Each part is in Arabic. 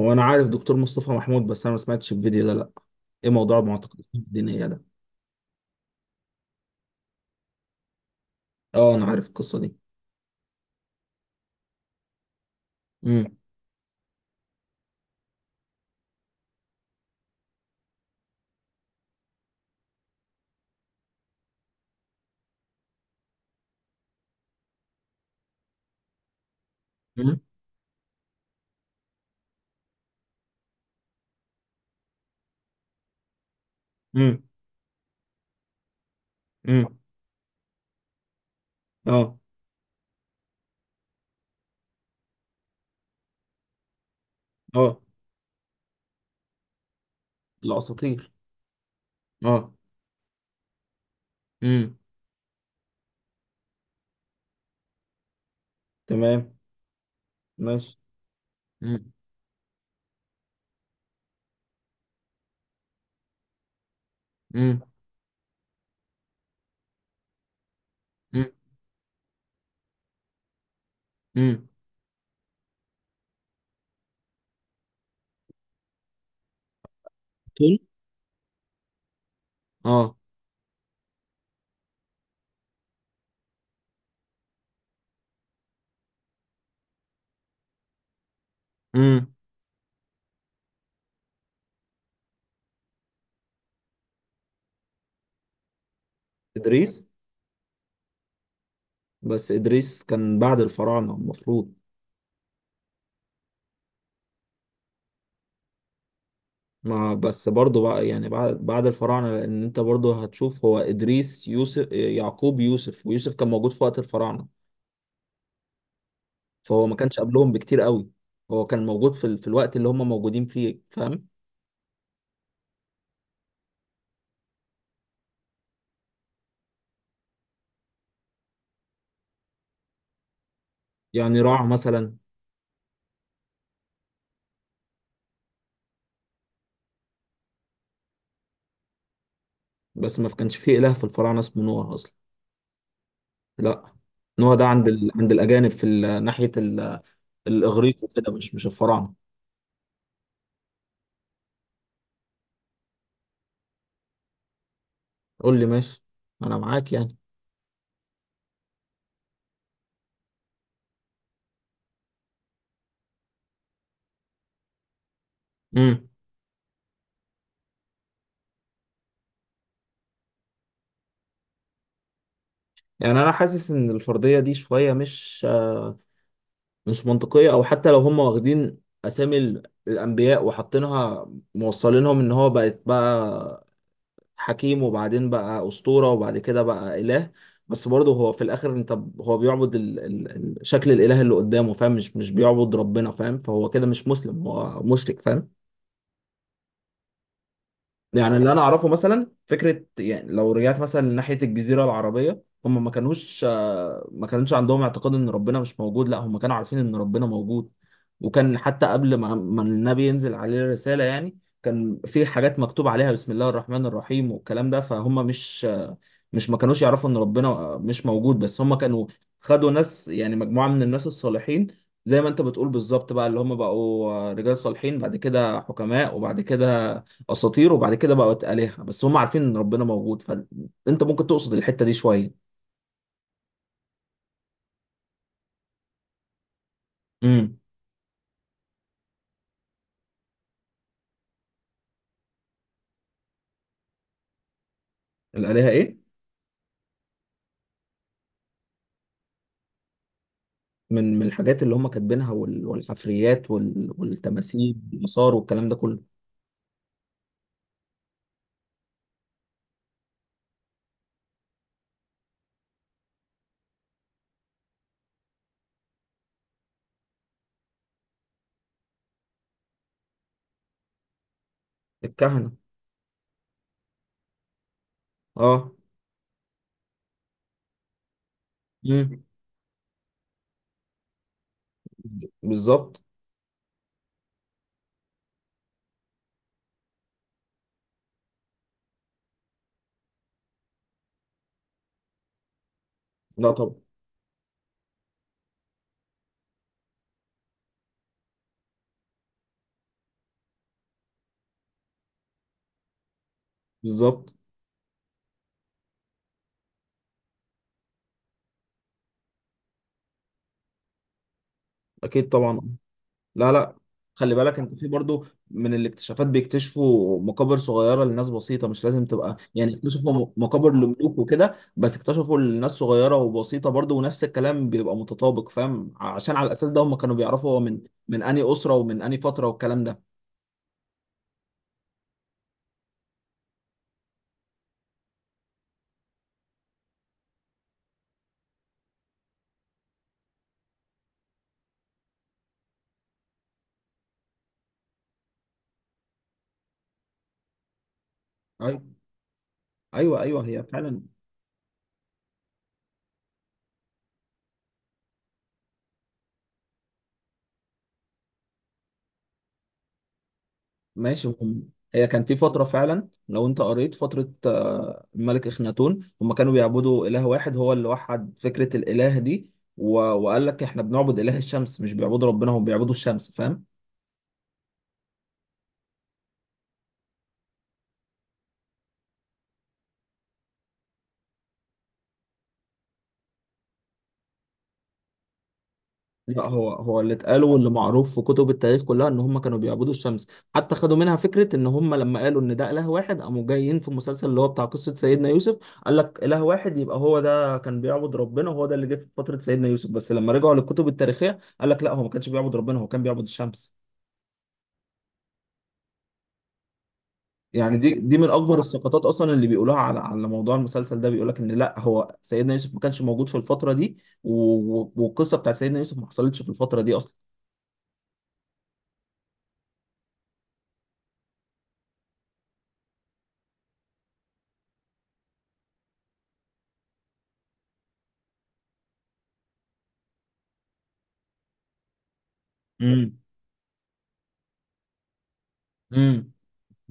هو انا عارف دكتور مصطفى محمود، بس انا ما سمعتش الفيديو ده. لا. ايه موضوع المعتقدات الدينيه ده؟ اه، انا عارف القصه دي. امم. امم. امم. امم. اه. اه. الاساطير. اه. امم. تمام. ماشي. امم. امم. امم. امم. تون. اه. امم. ادريس. بس ادريس كان بعد الفراعنه المفروض. ما بس برضه بقى يعني بعد الفراعنه، لان انت برضه هتشوف هو ادريس يوسف يعقوب يوسف، ويوسف كان موجود في وقت الفراعنه. فهو ما كانش قبلهم بكتير قوي. هو كان موجود في في الوقت اللي هم موجودين فيه، فاهم؟ يعني راع مثلا. بس ما كانش فيه اله في الفراعنه اسمه نوح اصلا. لا، نوح ده عند عند الاجانب، في ناحيه الاغريق وكده، مش الفراعنه. قول لي ماشي، انا معاك يعني. امم. يعني انا حاسس ان الفرضيه دي شويه مش مش منطقيه، او حتى لو هم واخدين اسامي الانبياء وحاطينها موصلينهم ان هو بقت بقى حكيم، وبعدين بقى أسطورة، وبعد كده بقى إله. بس برضه هو في الآخر أنت هو بيعبد شكل الإله اللي قدامه، فاهم؟ مش بيعبد ربنا، فاهم؟ فهو كده مش مسلم، هو مشرك، فاهم؟ يعني اللي انا اعرفه مثلا فكره، يعني لو رجعت مثلا ناحيه الجزيره العربيه، هم ما كانوش ما كانش عندهم اعتقاد ان ربنا مش موجود، لا هم كانوا عارفين ان ربنا موجود. وكان حتى قبل ما النبي ينزل عليه الرساله، يعني كان في حاجات مكتوب عليها بسم الله الرحمن الرحيم والكلام ده، فهم مش ما كانوش يعرفوا ان ربنا مش موجود، بس هم كانوا خدوا ناس، يعني مجموعه من الناس الصالحين، زي ما انت بتقول بالظبط بقى، اللي هم بقوا رجال صالحين، بعد كده حكماء، وبعد كده اساطير، وبعد كده بقت الهه. بس هم عارفين ان ربنا موجود، فانت ممكن تقصد الحته دي شويه. امم. الالهه ايه؟ من الحاجات اللي هم كاتبينها، والحفريات، والتماثيل، والمسار، والكلام ده كله. الكهنه. اه. امم. بالظبط. لا طبعا. بالظبط. اكيد طبعا. لا، لا، خلي بالك انت في برضو، من الاكتشافات بيكتشفوا مقابر صغيره لناس بسيطه. مش لازم تبقى يعني اكتشفوا مقابر لملوك وكده، بس اكتشفوا لناس صغيره وبسيطه برضو، ونفس الكلام بيبقى متطابق، فاهم؟ عشان على الاساس ده هم كانوا بيعرفوا هو من انهي اسره، ومن انهي فتره، والكلام ده. ايوه، ايوه، ايوه، هي فعلا. ماشي، هم هي كان في فترة فعلا، لو انت قريت فترة الملك اخناتون، هم كانوا بيعبدوا اله واحد. هو اللي وحد فكرة الاله دي. وقال لك احنا بنعبد اله الشمس، مش بيعبدوا ربنا، هم بيعبدوا الشمس، فاهم؟ لا، هو هو اللي اتقال واللي معروف في كتب التاريخ كلها ان هم كانوا بيعبدوا الشمس. حتى خدوا منها فكره ان هم لما قالوا ان ده اله واحد، قاموا جايين في المسلسل اللي هو بتاع قصه سيدنا يوسف، قال لك اله واحد، يبقى هو ده كان بيعبد ربنا، وهو ده اللي جه في فتره سيدنا يوسف. بس لما رجعوا للكتب التاريخيه قال لك لا، هو ما كانش بيعبد ربنا، هو كان بيعبد الشمس. يعني دي من اكبر السقطات اصلا اللي بيقولوها على موضوع المسلسل ده. بيقول لك ان لا، هو سيدنا يوسف ما كانش موجود في الفتره دي، والقصه بتاعت سيدنا يوسف ما حصلتش في الفتره دي اصلا. امم. امم.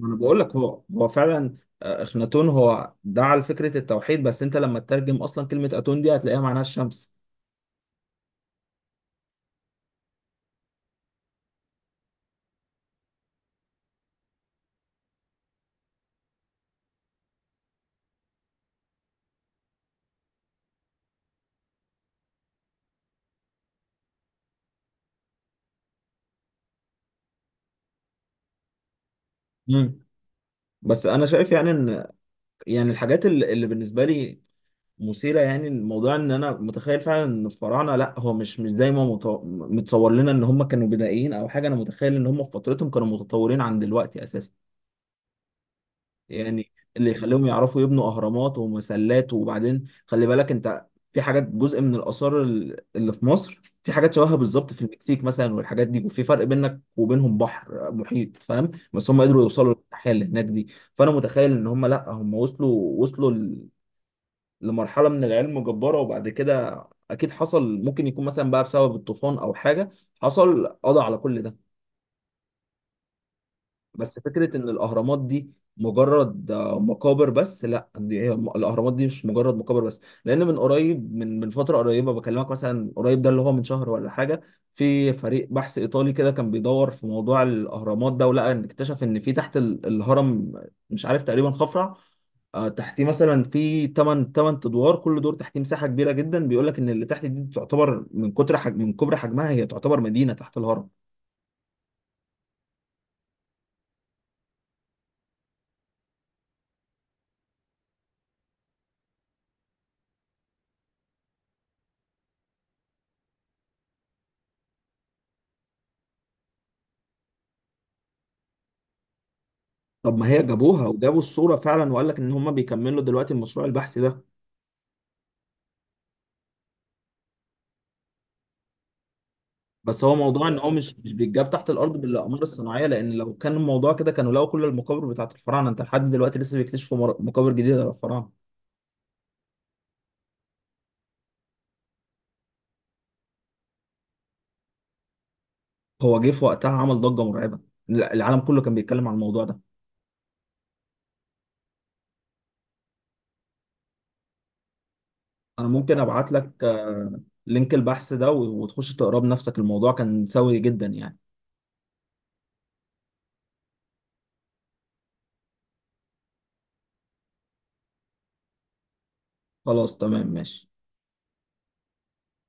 انا بقول لك هو هو فعلا، اخناتون هو دعا لفكره التوحيد، بس انت لما تترجم اصلا كلمه اتون دي هتلاقيها معناها الشمس. مم. بس انا شايف يعني ان، يعني الحاجات اللي بالنسبه لي مثيره، يعني الموضوع ان انا متخيل فعلا ان الفراعنه لا، هو مش زي ما متصور لنا ان هم كانوا بدائيين او حاجه. انا متخيل ان هم في فترتهم كانوا متطورين عن دلوقتي اساسا. يعني اللي يخليهم يعرفوا يبنوا اهرامات ومسلات، وبعدين خلي بالك انت، في حاجات جزء من الاثار اللي في مصر، في حاجات شبهها بالظبط في المكسيك مثلا، والحاجات دي، وفي فرق بينك وبينهم بحر محيط، فاهم؟ بس هم قدروا يوصلوا للحياه اللي هناك دي. فانا متخيل ان هم لا، هم وصلوا، لمرحله من العلم جباره، وبعد كده اكيد حصل، ممكن يكون مثلا بقى بسبب الطوفان او حاجه، حصل قضى على كل ده. بس فكرة إن الأهرامات دي مجرد مقابر بس، لا، دي هي الأهرامات دي مش مجرد مقابر بس، لأن من قريب، من فترة قريبة بكلمك، مثلا قريب ده اللي هو من شهر ولا حاجة، في فريق بحث إيطالي كده كان بيدور في موضوع الأهرامات ده، ولقى إن اكتشف إن في تحت الهرم، مش عارف تقريبا خفرع، تحتيه مثلا في 8 ادوار، كل دور تحتيه مساحة كبيرة جدا. بيقول لك إن اللي تحت دي تعتبر من كتر حجم، من كبر حجمها هي، تعتبر مدينة تحت الهرم. طب ما هي جابوها، وجابوا الصورة فعلا، وقال لك ان هم بيكملوا دلوقتي المشروع البحثي ده. بس هو موضوع ان هو مش بيتجاب تحت الارض بالاقمار الصناعية، لان لو كان الموضوع كده كانوا لقوا كل المقابر بتاعت الفراعنة. انت لحد دلوقتي لسه بيكتشفوا مقابر جديدة للفراعنة. هو جه في وقتها عمل ضجة مرعبة. لا، العالم كله كان بيتكلم عن الموضوع ده. انا ممكن ابعت لك لينك البحث ده وتخش تقراه بنفسك. الموضوع كان سوي جدا يعني. خلاص تمام ماشي.